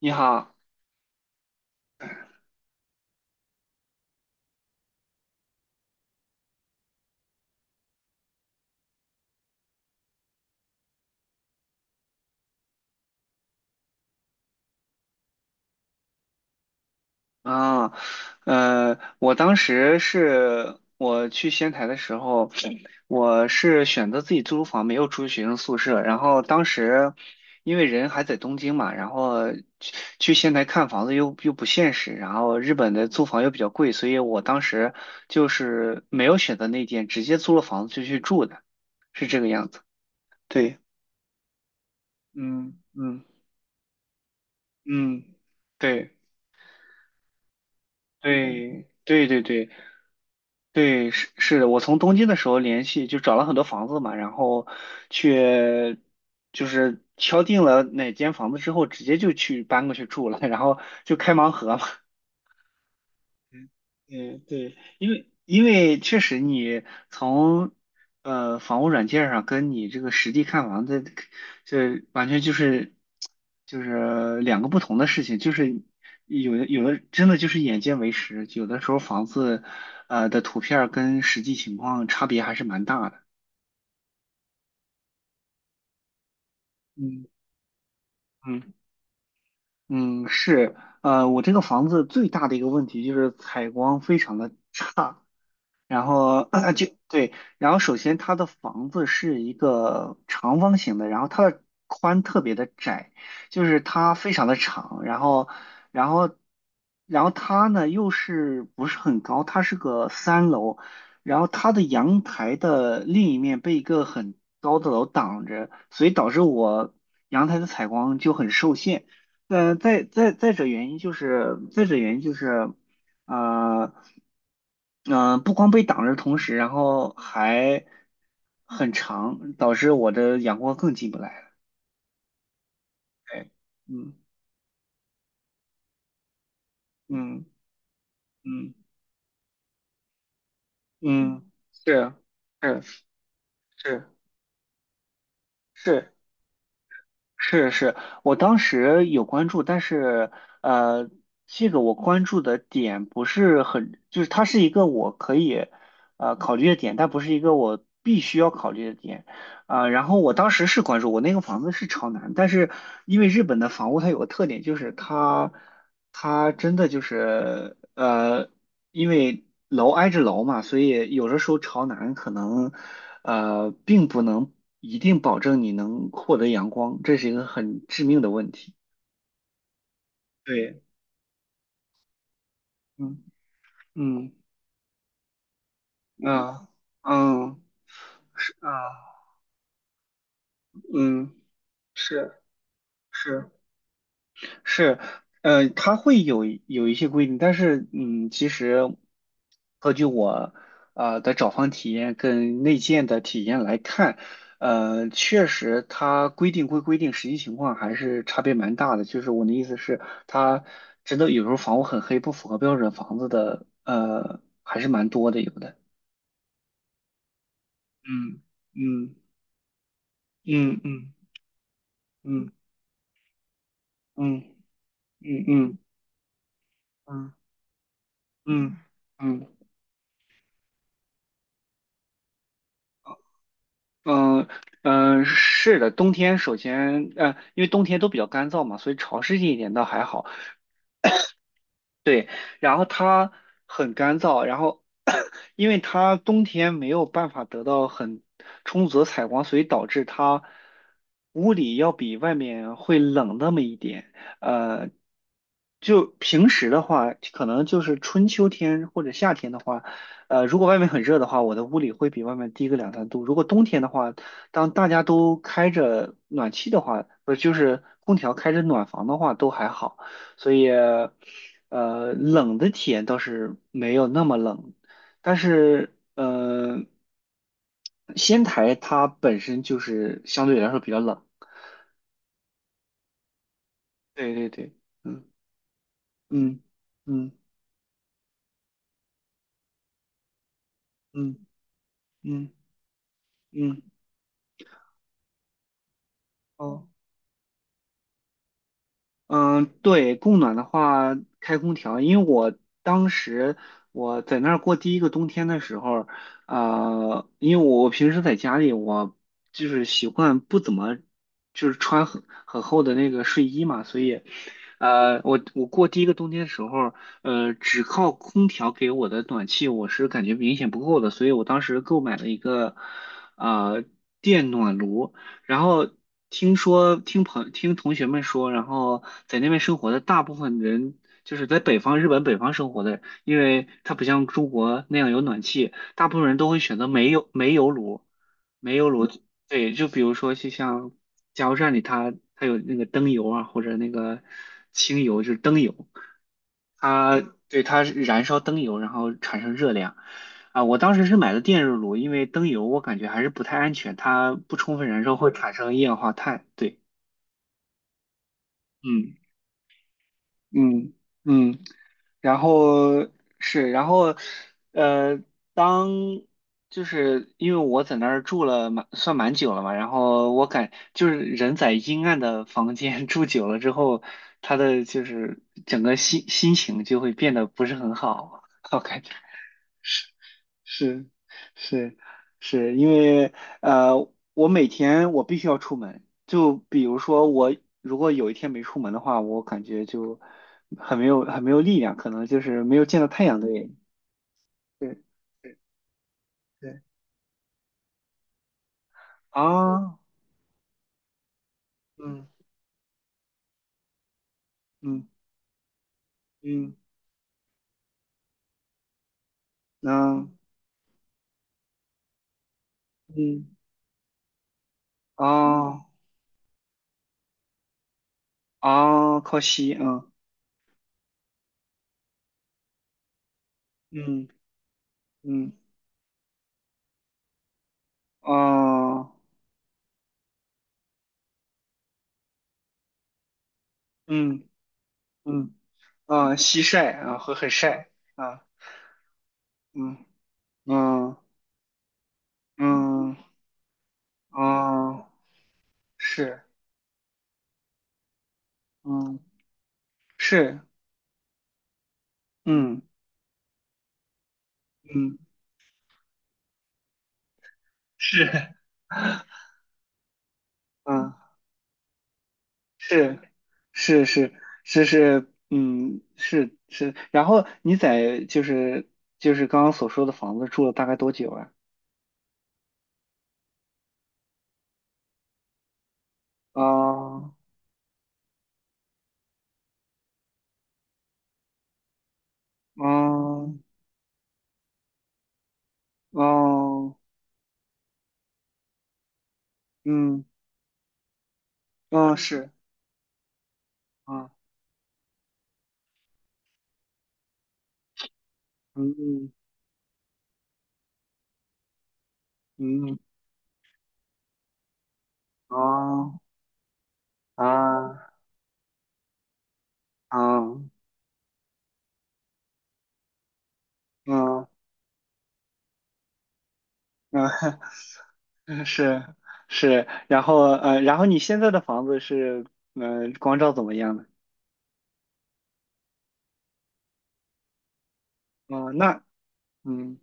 你好啊，我当时是我去仙台的时候，我是选择自己租房，没有住学生宿舍。然后当时因为人还在东京嘛，然后去仙台看房子又不现实，然后日本的租房又比较贵，所以我当时就是没有选择那间，直接租了房子就去住的，是这个样子。对，嗯嗯嗯，对对对对对。对，是的，我从东京的时候联系，就找了很多房子嘛，然后去就是敲定了哪间房子之后，直接就去搬过去住了，然后就开盲盒嘛。嗯，对，因为确实你从房屋软件上跟你这个实地看房的，这完全就是两个不同的事情，就是有的真的就是眼见为实，有的时候房子的图片儿跟实际情况差别还是蛮大的。嗯嗯嗯，是，我这个房子最大的一个问题就是采光非常的差。然后 就对，然后首先它的房子是一个长方形的，然后它的宽特别的窄，就是它非常的长，然后，然后它呢又是不是很高，它是个三楼，然后它的阳台的另一面被一个很高的楼挡着，所以导致我阳台的采光就很受限。再者原因就是，啊，嗯、不光被挡着同时，然后还很长，导致我的阳光更进不来了。哎，嗯嗯嗯嗯，是是是是是是，我当时有关注，但是呃，这个我关注的点不是很，就是它是一个我可以考虑的点，但不是一个我必须要考虑的点。啊，然后我当时是关注我那个房子是朝南，但是因为日本的房屋它有个特点，就是它真的就是因为楼挨着楼嘛，所以有的时候朝南可能并不能一定保证你能获得阳光，这是一个很致命的问题。对，嗯嗯啊嗯啊嗯是。是是，它会有一些规定，但是，其实，根据我的找房体验跟内建的体验来看，确实它规定归规定，实际情况还是差别蛮大的。就是我的意思是，它真的有时候房屋很黑，不符合标准房子的，还是蛮多的，有的。嗯嗯嗯嗯嗯嗯嗯嗯嗯嗯嗯。嗯嗯嗯嗯嗯嗯，是的，冬天首先，因为冬天都比较干燥嘛，所以潮湿一点倒还好。对，然后它很干燥，然后 因为它冬天没有办法得到很充足的采光，所以导致它屋里要比外面会冷那么一点。呃，就平时的话，可能就是春秋天或者夏天的话，如果外面很热的话，我的屋里会比外面低个两三度。如果冬天的话，当大家都开着暖气的话，不是就是空调开着暖房的话，都还好，所以。冷的体验倒是没有那么冷，但是仙台它本身就是相对来说比较冷。对对对，嗯嗯嗯嗯嗯嗯，哦。嗯，对，供暖的话，开空调，因为我当时我在那儿过第一个冬天的时候，因为我平时在家里，我就是习惯不怎么就是穿很厚的那个睡衣嘛，所以，我过第一个冬天的时候，只靠空调给我的暖气，我是感觉明显不够的，所以我当时购买了一个呃电暖炉。然后听同学们说，然后在那边生活的大部分人，就是在日本北方生活的，因为它不像中国那样有暖气，大部分人都会选择煤油炉。对，就比如说就像加油站里它有那个灯油啊，或者那个清油，就是灯油。它对，它燃烧灯油，然后产生热量。我当时是买的电热炉，因为灯油我感觉还是不太安全，它不充分燃烧会产生一氧化碳。对，嗯嗯嗯，然后是，然后呃，当就是因为我在那儿住了蛮久了嘛，然后就是人在阴暗的房间 住久了之后，他的就是整个心情就会变得不是很好，我感觉。是是是，因为呃，我每天我必须要出门。就比如说我如果有一天没出门的话，我感觉就很没有力量，可能就是没有见到太阳的原因。对对对啊，嗯嗯嗯，那嗯啊啊，靠西啊，嗯嗯嗯啊嗯嗯啊，西晒啊，会很晒啊，嗯嗯嗯。哦，是，嗯，是，嗯嗯是，嗯，是是是是是，嗯是是。然后你在就是刚刚所说的房子住了大概多久啊？哦哦哦，嗯哦是啊，嗯嗯嗯，哦啊啊嗯嗯。嗯，是是，然后然后你现在的房子是光照怎么样呢？哦，那嗯，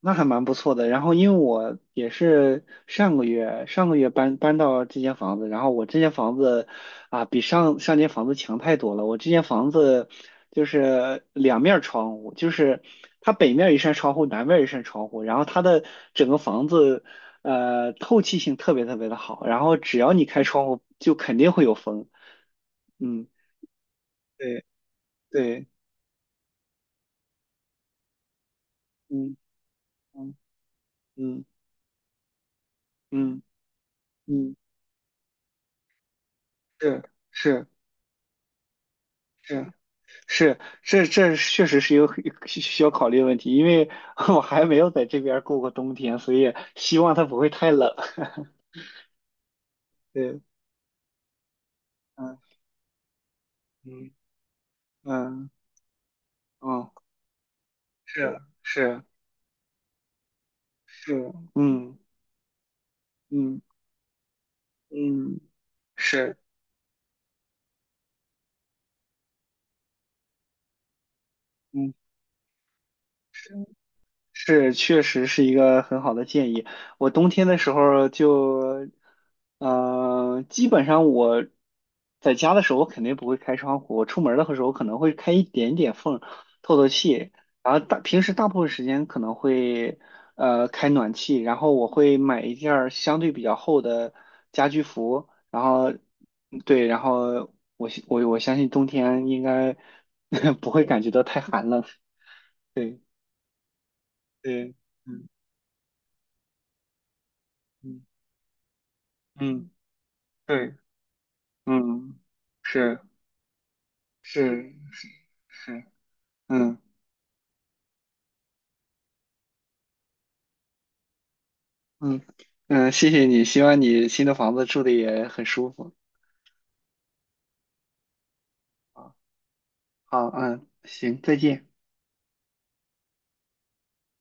那还蛮不错的。然后因为我也是上个月搬到这间房子，然后我这间房子啊比上间房子强太多了。我这间房子就是两面儿窗户，就是它北面儿一扇窗户，南面儿一扇窗户，然后它的整个房子透气性特别特别的好，然后只要你开窗户就肯定会有风。嗯，对对，嗯嗯嗯嗯嗯，是是是是，这确实是一个很需要考虑的问题，因为 我还没有在这边儿过过冬天，所以希望它不会太冷。对，嗯嗯嗯嗯，是是是，嗯嗯嗯，是，嗯。是，确实是一个很好的建议。我冬天的时候就，基本上我在家的时候，我肯定不会开窗户。我出门儿的时候可能会开一点点缝，透透气。然后平时大部分时间可能会开暖气，然后我会买一件儿相对比较厚的家居服，然后对，然后我相信冬天应该 不会感觉到太寒冷。对对，嗯嗯。嗯，对，嗯，是是是是，嗯嗯嗯，谢谢你，希望你新的房子住的也很舒服啊。好，嗯，行，再见。